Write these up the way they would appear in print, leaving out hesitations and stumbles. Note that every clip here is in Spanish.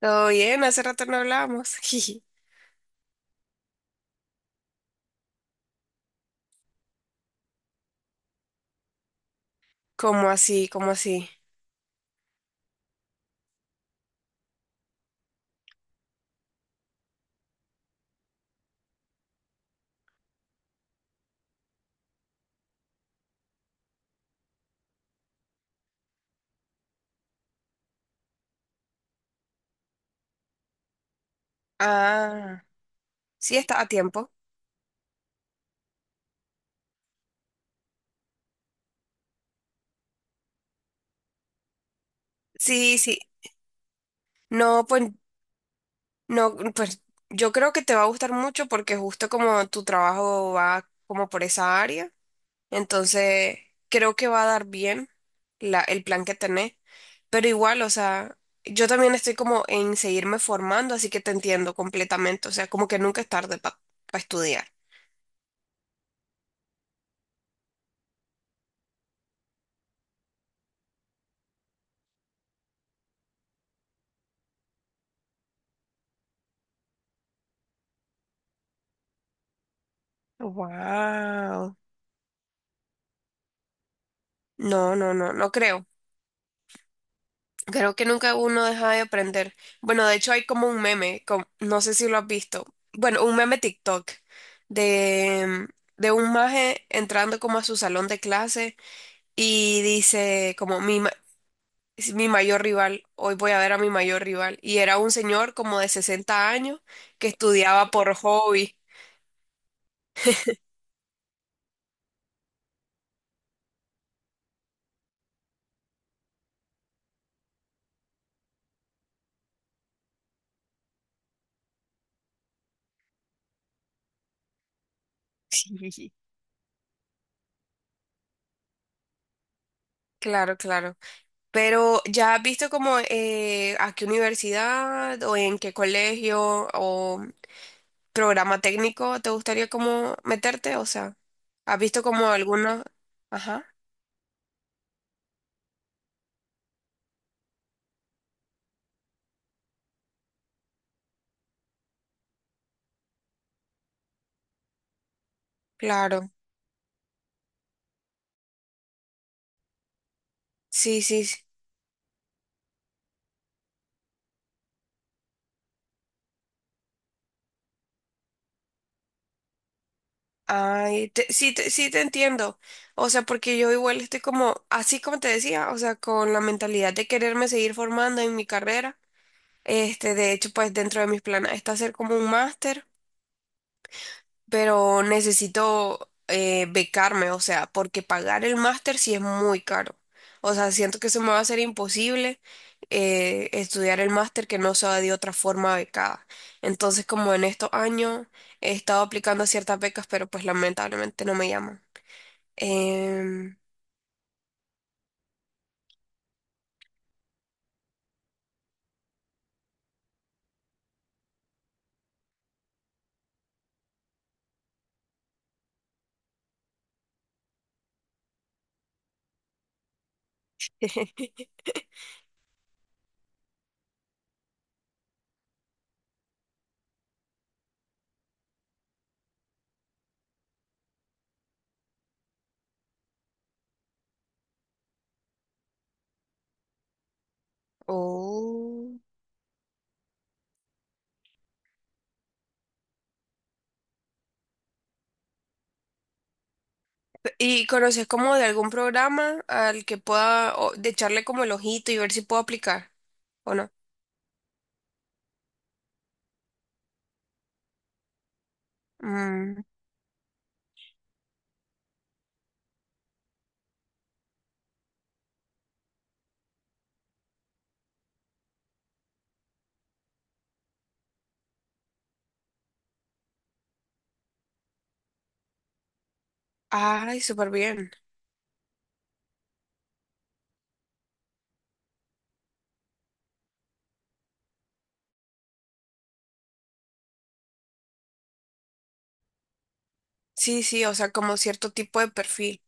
Todo bien, hace rato no hablábamos. Jiji. ¿Cómo así? ¿Cómo así? Ah, sí está a tiempo. Sí, sí. No, pues, no, pues, yo creo que te va a gustar mucho porque justo como tu trabajo va como por esa área, entonces creo que va a dar bien el plan que tenés. Pero igual, o sea, yo también estoy como en seguirme formando, así que te entiendo completamente. O sea, como que nunca es tarde para estudiar. Wow. No, no, no, no creo. Creo que nunca uno deja de aprender. Bueno, de hecho hay como un meme, no sé si lo has visto. Bueno, un meme TikTok de, de un maje entrando como a su salón de clase y dice como mi mayor rival, hoy voy a ver a mi mayor rival. Y era un señor como de 60 años que estudiaba por hobby. Claro, claro. Pero ¿ya has visto como a qué universidad o en qué colegio o programa técnico te gustaría como meterte? O sea, ¿has visto como alguna? Ajá, claro. Sí, sí, sí. Ay, sí te entiendo. O sea, porque yo igual estoy como, así como te decía, o sea, con la mentalidad de quererme seguir formando en mi carrera. Este, de hecho, pues dentro de mis planes está hacer como un máster. Pero necesito becarme, o sea, porque pagar el máster sí es muy caro. O sea, siento que se me va a hacer imposible estudiar el máster que no sea de otra forma becada. Entonces, como en estos años he estado aplicando a ciertas becas, pero pues lamentablemente no me llaman. Em, ¿Y conoces como de algún programa al que pueda o, de echarle como el ojito y ver si puedo aplicar o no? Mm, ay, súper bien. Sí, sí, o sea, como cierto tipo de perfil.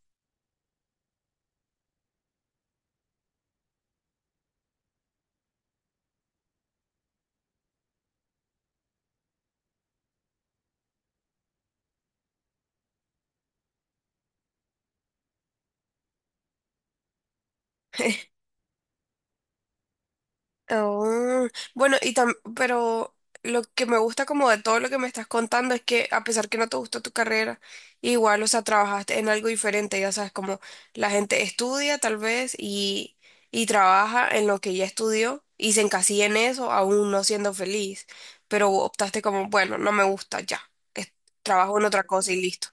Oh, bueno, pero lo que me gusta como de todo lo que me estás contando es que a pesar que no te gustó tu carrera, igual, o sea, trabajaste en algo diferente, ya sabes, como la gente estudia tal vez y trabaja en lo que ya estudió y se encasilla en eso, aún no siendo feliz, pero optaste como, bueno, no me gusta ya, es- trabajo en otra cosa y listo.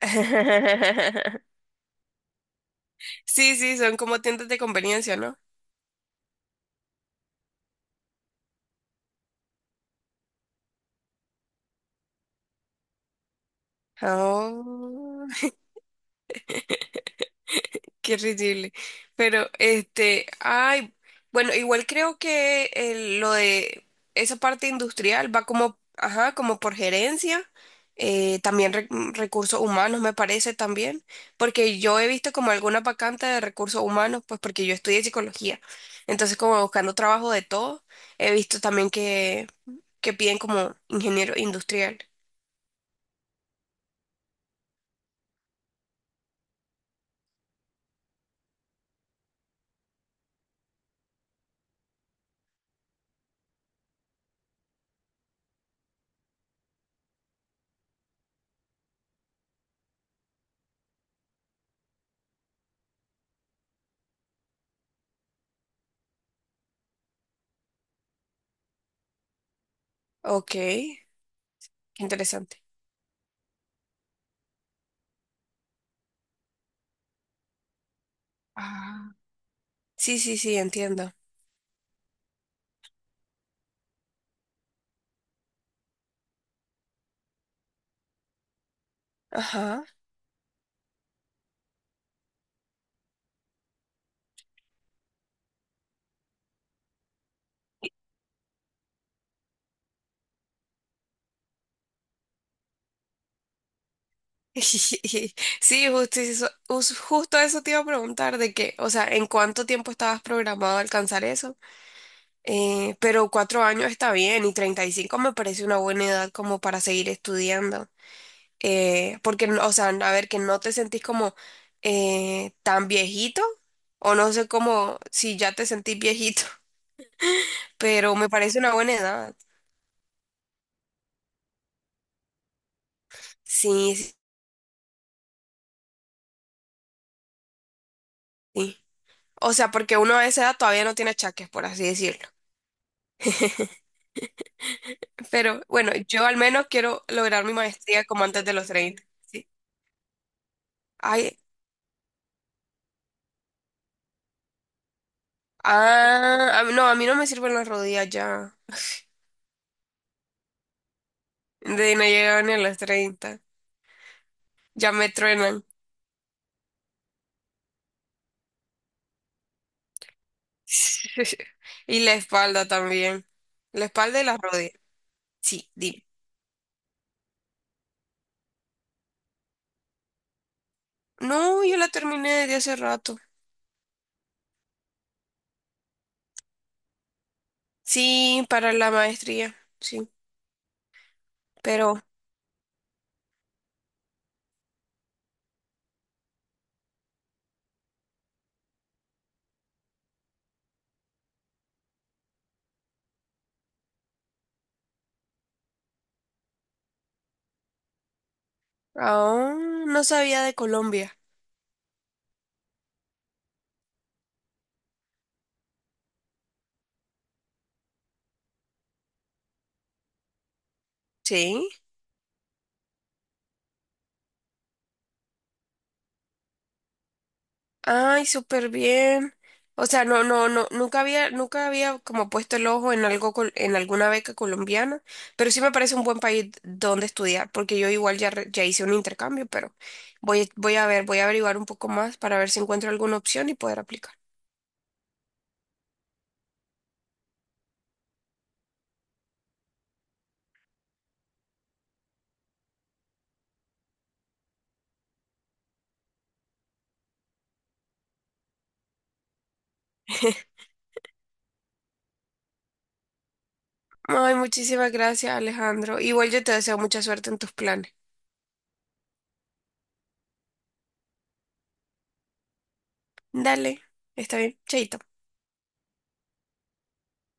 Sí, sí, son como tiendas de conveniencia, ¿no? Oh, qué ridículo. Pero este, ay, bueno, igual creo que lo de esa parte industrial va como, ajá, como por gerencia, también recursos humanos me parece también, porque yo he visto como alguna vacante de recursos humanos, pues porque yo estudié psicología, entonces como buscando trabajo de todo, he visto también que piden como ingeniero industrial. Ok, qué interesante. Ah. Sí, sí, sí, entiendo. Ajá. Sí, justo eso te iba a preguntar de que, o sea, ¿en cuánto tiempo estabas programado a alcanzar eso? Pero 4 años está bien y 35 me parece una buena edad como para seguir estudiando. Porque, o sea, a ver, que no te sentís como tan viejito o no sé cómo, si ya te sentís viejito, pero me parece una buena edad. Sí, sí, sí. O sea, porque uno a esa edad todavía no tiene achaques, por así decirlo. Pero bueno, yo al menos quiero lograr mi maestría como antes de los 30. Sí. Ay, ah, no, a mí no me sirven las rodillas ya. De no llegar ni a los 30. Ya me truenan. Y la espalda también. La espalda y las rodillas. Sí, dime. No, yo la terminé desde hace rato. Sí, para la maestría. Sí. Pero aún no sabía de Colombia. Sí. Ay, súper bien. O sea, no, no, no, nunca había como puesto el ojo en algo, en alguna beca colombiana, pero sí me parece un buen país donde estudiar, porque yo igual ya hice un intercambio, pero voy a ver, voy a averiguar un poco más para ver si encuentro alguna opción y poder aplicar. Ay, muchísimas gracias, Alejandro. Igual yo te deseo mucha suerte en tus planes. Dale, está bien, chaito.